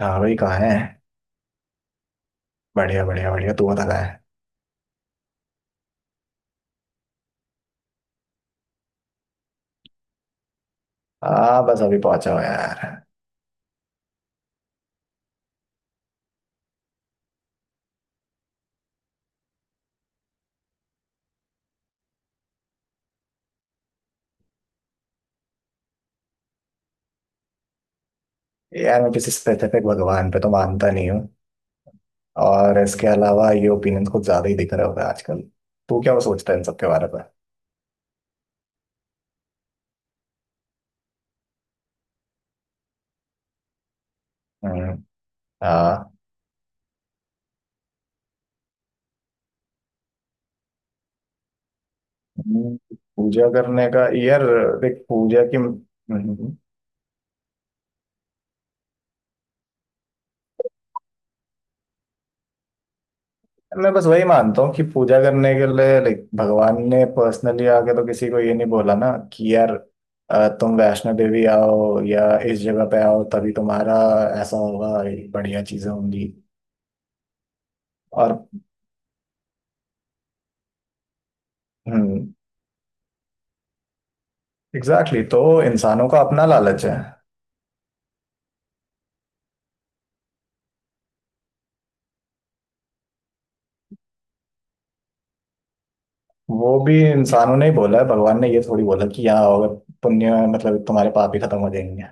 हाँ भाई, कहाँ है। बढ़िया बढ़िया बढ़िया, तू बता कहाँ है। हाँ बस अभी पहुंचा हूँ यार। यार, मैं किसी स्पेसिफिक भगवान पे तो मानता नहीं हूँ। और इसके अलावा ये ओपिनियन कुछ ज्यादा ही दिख रहे होगा आजकल। तू क्या सोचता है इन सब के बारे में। हम्म। हाँ। हम्म। पूजा करने का यार, देख पूजा की। हम्म। हम्म। हम्म। मैं बस वही मानता हूँ कि पूजा करने के लिए लाइक भगवान ने पर्सनली आके तो किसी को ये नहीं बोला ना कि यार तुम वैष्णो देवी आओ या इस जगह पे आओ तभी तुम्हारा ऐसा होगा, ये बढ़िया चीजें होंगी। और। हम्म। एग्जैक्टली, तो इंसानों का अपना लालच है। वो भी इंसानों ने ही बोला है, भगवान ने ये थोड़ी बोला कि यहाँ आओगे पुण्य, मतलब तुम्हारे पाप ही खत्म हो जाएंगे।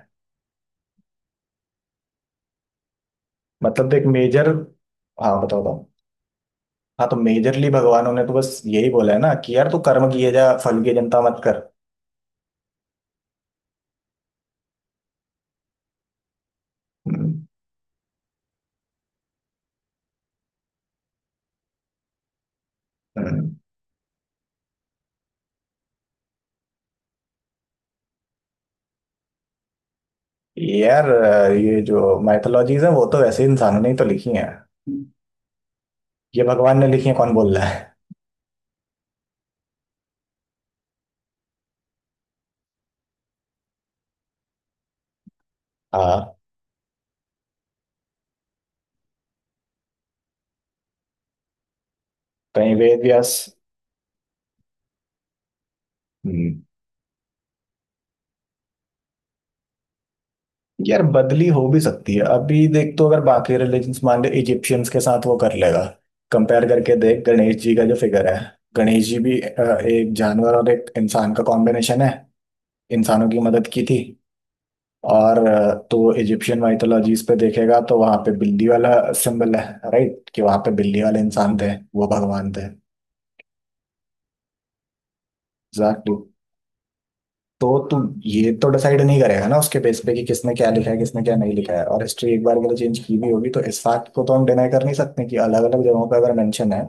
मतलब देख मेजर। हाँ बताओ बताओ। हाँ, तो मेजरली भगवानों ने तो बस यही बोला है ना कि यार तू कर्म किए जा, फल की चिंता मत कर। हम्म। हम्म। यार, ये जो माइथोलॉजीज है वो तो वैसे इंसानों ने ही तो लिखी है। हम्म। ये भगवान ने लिखी है कौन बोल रहा है। हाँ, कहीं वेद व्यास। हम्म। यार, बदली हो भी सकती है, अभी देख तो अगर बाकी रिलीजन्स मान ले, इजिप्शियंस के साथ वो कर लेगा। कंपेयर करके देख गणेश जी का जो फिगर है, गणेश जी भी एक जानवर और एक इंसान का कॉम्बिनेशन है। इंसानों की मदद की थी। और तो इजिप्शियन माइथोलॉजीज पे देखेगा तो वहां पे बिल्ली वाला सिंबल है। राइट, कि वहां पे बिल्ली वाले इंसान थे, वो भगवान थे। एग्जैक्टली। तो तू ये तो डिसाइड नहीं करेगा ना उसके बेस पे कि किसने क्या लिखा है किसने क्या नहीं लिखा है, और हिस्ट्री एक बार के लिए चेंज की भी होगी तो इस फैक्ट को तो हम डिनाई कर नहीं सकते कि अलग अलग जगहों पे अगर मेंशन है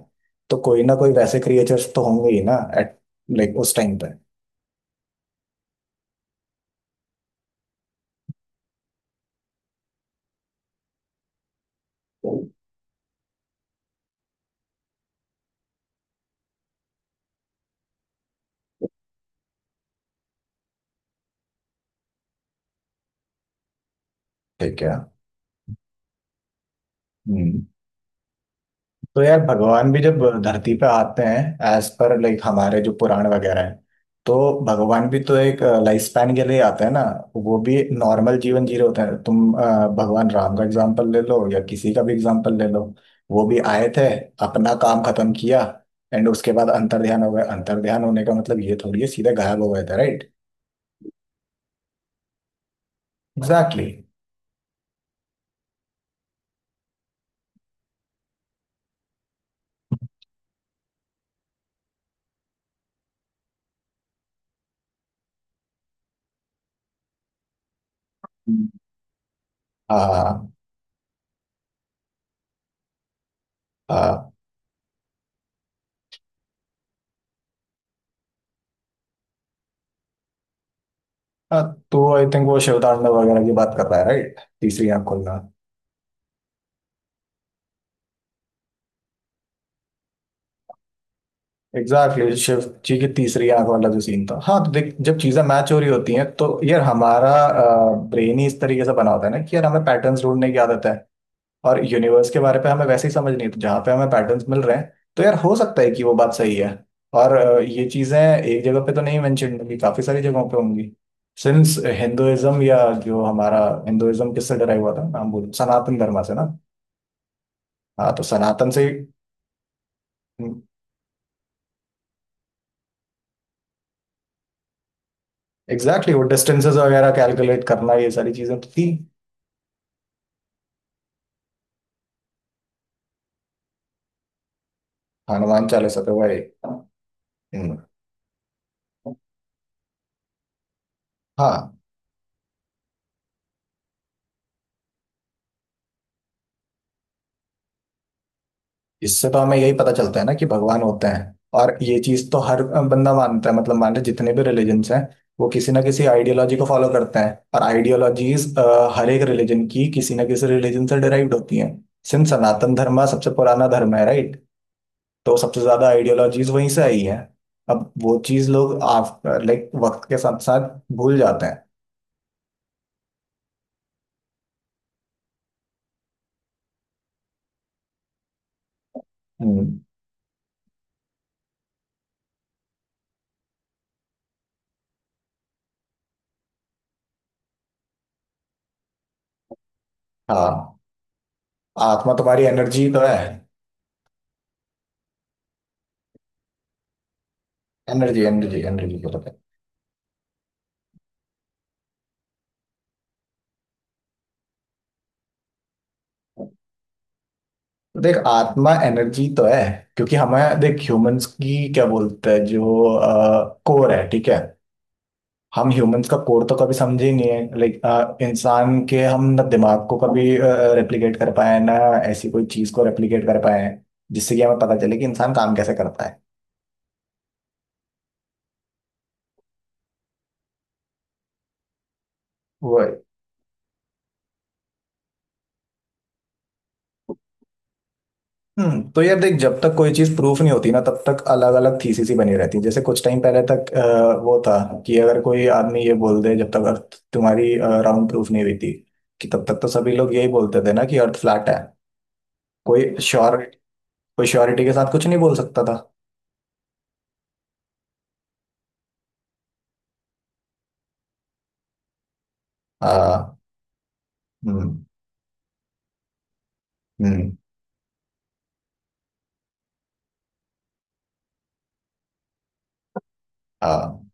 तो कोई ना कोई वैसे क्रिएचर्स तो होंगे ही ना, एट लाइक उस टाइम पे। ठीक है। हम्म। तो यार भगवान भी जब धरती पे आते हैं एज पर लाइक हमारे जो पुराण वगैरह हैं, तो भगवान भी तो एक लाइफ स्पैन के लिए आते हैं ना। वो भी नॉर्मल जीवन जी रहे होते हैं, तुम भगवान राम का एग्जांपल ले लो या किसी का भी एग्जांपल ले लो। वो भी आए थे, अपना काम खत्म किया, एंड उसके बाद अंतर ध्यान हो गए। अंतर ध्यान होने का मतलब ये थोड़ी है सीधे गायब हो गए थे, राइट। एग्जैक्टली। हाँ। हाँ। हाँ, तो आई थिंक वो शिवतांडव वगैरह की बात कर रहा है, राइट, तीसरी आंख खोलना। एग्जैक्टली, शिव जी की तीसरी आंख वाला जो सीन था। हाँ, तो देख जब चीजें मैच हो रही होती हैं तो यार हमारा ब्रेन ही इस तरीके से बना होता है ना कि यार हमें पैटर्न्स ढूंढने की आदत है। और यूनिवर्स के बारे पे हमें वैसे ही समझ नहीं है। तो जहाँ पे हमें पैटर्न्स मिल रहे हैं तो यार हो सकता है कि वो बात सही है। और ये चीजें एक जगह पे तो नहीं मेंशन होंगी, काफी सारी जगहों पे होंगी। सिंस हिंदुइज्म, या जो हमारा हिंदुइज्म किससे डराई हुआ था, नाम बोल, सनातन धर्म से ना। हाँ, तो सनातन से। एग्जैक्टली, वो डिस्टेंसेस वगैरह कैलकुलेट करना ये सारी चीजें तो थी। हाँ, हनुमान चालीसा पे वही। हम्म। हाँ। इससे तो हमें यही पता चलता है ना कि भगवान होते हैं। और ये चीज तो हर बंदा मानता है, मतलब मान लो जितने भी रिलीजन्स हैं वो किसी ना किसी आइडियोलॉजी को फॉलो करते हैं। और आइडियोलॉजीज हर एक रिलीजन की किसी ना किसी रिलीजन से डिराइव्ड होती हैं। सिंस सनातन धर्म सबसे पुराना धर्म है, राइट। तो सबसे ज्यादा आइडियोलॉजीज वहीं से आई है। अब वो चीज लोग लाइक वक्त के साथ साथ भूल जाते हैं। हम्म। हाँ। आत्मा तुम्हारी एनर्जी तो है। एनर्जी एनर्जी एनर्जी को बताए। तो देख आत्मा एनर्जी तो है, क्योंकि हमें देख ह्यूमंस की क्या बोलते हैं जो कोर है, ठीक है। हम ह्यूमंस का कोर तो कभी समझे ही नहीं है, लाइक इंसान के हम ना दिमाग को कभी रेप्लिकेट कर पाए ना। ऐसी कोई चीज को रेप्लिकेट कर पाए हैं, जिससे कि हमें पता चले कि इंसान काम कैसे करता है। वो। हम्म। तो यार देख जब तक कोई चीज प्रूफ नहीं होती ना, तब तक अलग अलग थीसिस ही बनी रहती है, जैसे कुछ टाइम पहले तक वो था कि अगर कोई आदमी ये बोल दे, जब तक अर्थ तुम्हारी राउंड प्रूफ नहीं हुई थी, कि तब तक तो सभी लोग यही बोलते थे ना कि अर्थ फ्लैट है। कोई श्योर। कोई श्योरिटी के साथ कुछ नहीं बोल सकता था। हाँ। हम्म। हम्म। हाँ,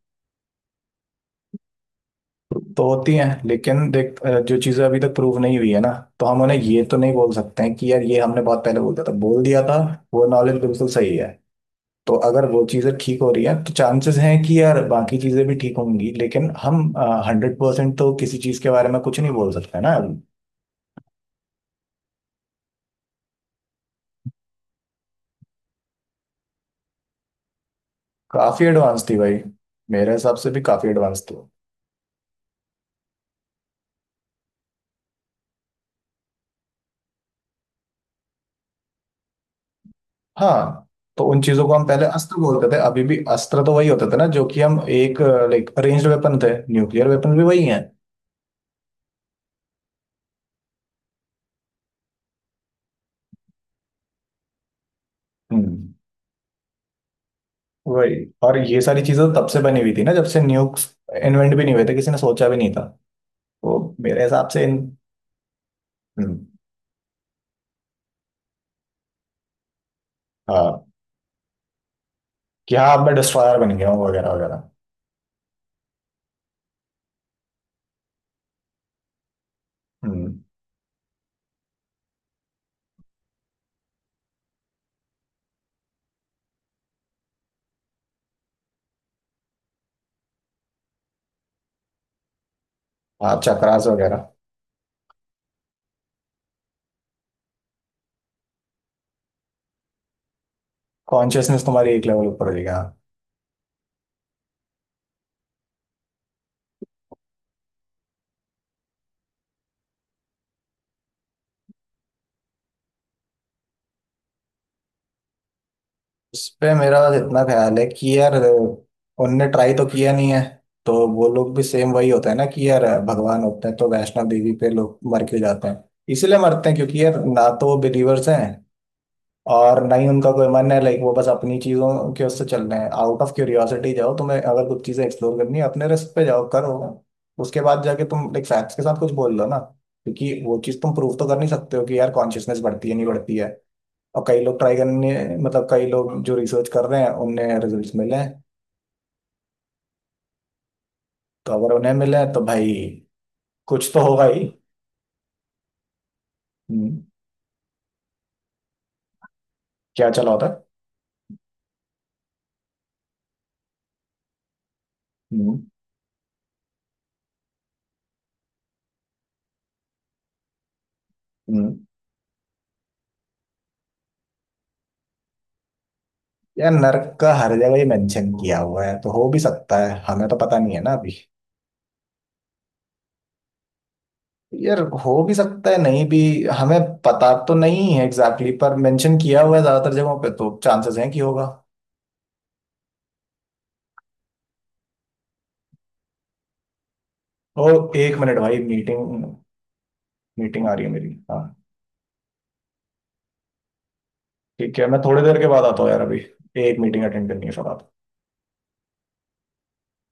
तो होती है, लेकिन देख जो चीजें अभी तक प्रूव नहीं हुई है ना, तो हम उन्हें ये तो नहीं बोल सकते हैं कि यार ये हमने बहुत पहले बोल दिया था, वो नॉलेज बिल्कुल सही है। तो अगर वो चीज़ें ठीक हो रही हैं तो चांसेस हैं कि यार बाकी चीज़ें भी ठीक होंगी, लेकिन हम 100% तो किसी चीज़ के बारे में कुछ नहीं बोल सकते ना। काफ़ी एडवांस थी भाई। मेरे हिसाब से भी काफ़ी एडवांस थी। हाँ, तो उन चीज़ों को हम पहले अस्त्र बोलते थे, अभी भी अस्त्र तो वही होते थे ना जो कि हम एक लाइक अरेंज्ड वेपन थे, न्यूक्लियर वेपन भी वही हैं। हम्म, वही। और ये सारी चीज़ें तो तब से बनी हुई थी ना जब से न्यूक्स इन्वेंट भी नहीं हुए थे, किसी ने सोचा भी नहीं था। तो मेरे हिसाब से इन। हम्म। हाँ कि हाँ अब मैं डिस्ट्रॉयर बन गया हूँ वगैरह वगैरह। हम्म। आप चक्रास वगैरह। कॉन्शियसनेस तुम्हारी एक लेवल ऊपर हो जाएगी, हाँ। उस पे मेरा इतना ख्याल है कि यार उनने ट्राई तो किया नहीं है, तो वो लोग भी सेम, वही होता है ना कि यार भगवान होते हैं तो वैष्णव देवी पे लोग मर क्यों जाते हैं। इसीलिए मरते हैं क्योंकि यार ना तो वो बिलीवर्स हैं और नहीं उनका कोई मन है, लाइक वो बस अपनी चीजों के उससे चल रहे हैं। आउट ऑफ क्यूरियोसिटी जाओ, तुम्हें अगर कुछ चीजें एक्सप्लोर करनी है अपने रिस्क पे जाओ करो। उसके बाद जाके तुम लाइक फैक्ट्स के साथ कुछ बोल दो ना। क्योंकि वो चीज तुम प्रूव तो कर नहीं सकते हो कि यार कॉन्शियसनेस बढ़ती है नहीं बढ़ती है। और कई लोग ट्राई करने, मतलब कई लोग जो रिसर्च कर रहे हैं उन्हें रिजल्ट्स मिले हैं। तो अगर उन्हें मिले हैं, तो भाई कुछ तो होगा ही। हम्म, क्या चला होता है। हम्म। हम्म। यार नर्क का हर जगह ही मेंशन किया हुआ है, तो हो भी सकता है, हमें तो पता नहीं है ना अभी। यार हो भी सकता है नहीं भी। हमें पता तो नहीं है एग्जैक्टली। exactly, पर मेंशन किया हुआ है ज्यादातर जगहों पे, तो चांसेस हैं कि होगा। ओ, एक मिनट भाई, मीटिंग। मीटिंग आ रही है मेरी, हाँ। ठीक है, मैं थोड़ी देर के बाद आता हूँ यार, अभी एक मीटिंग अटेंड करनी है फिर।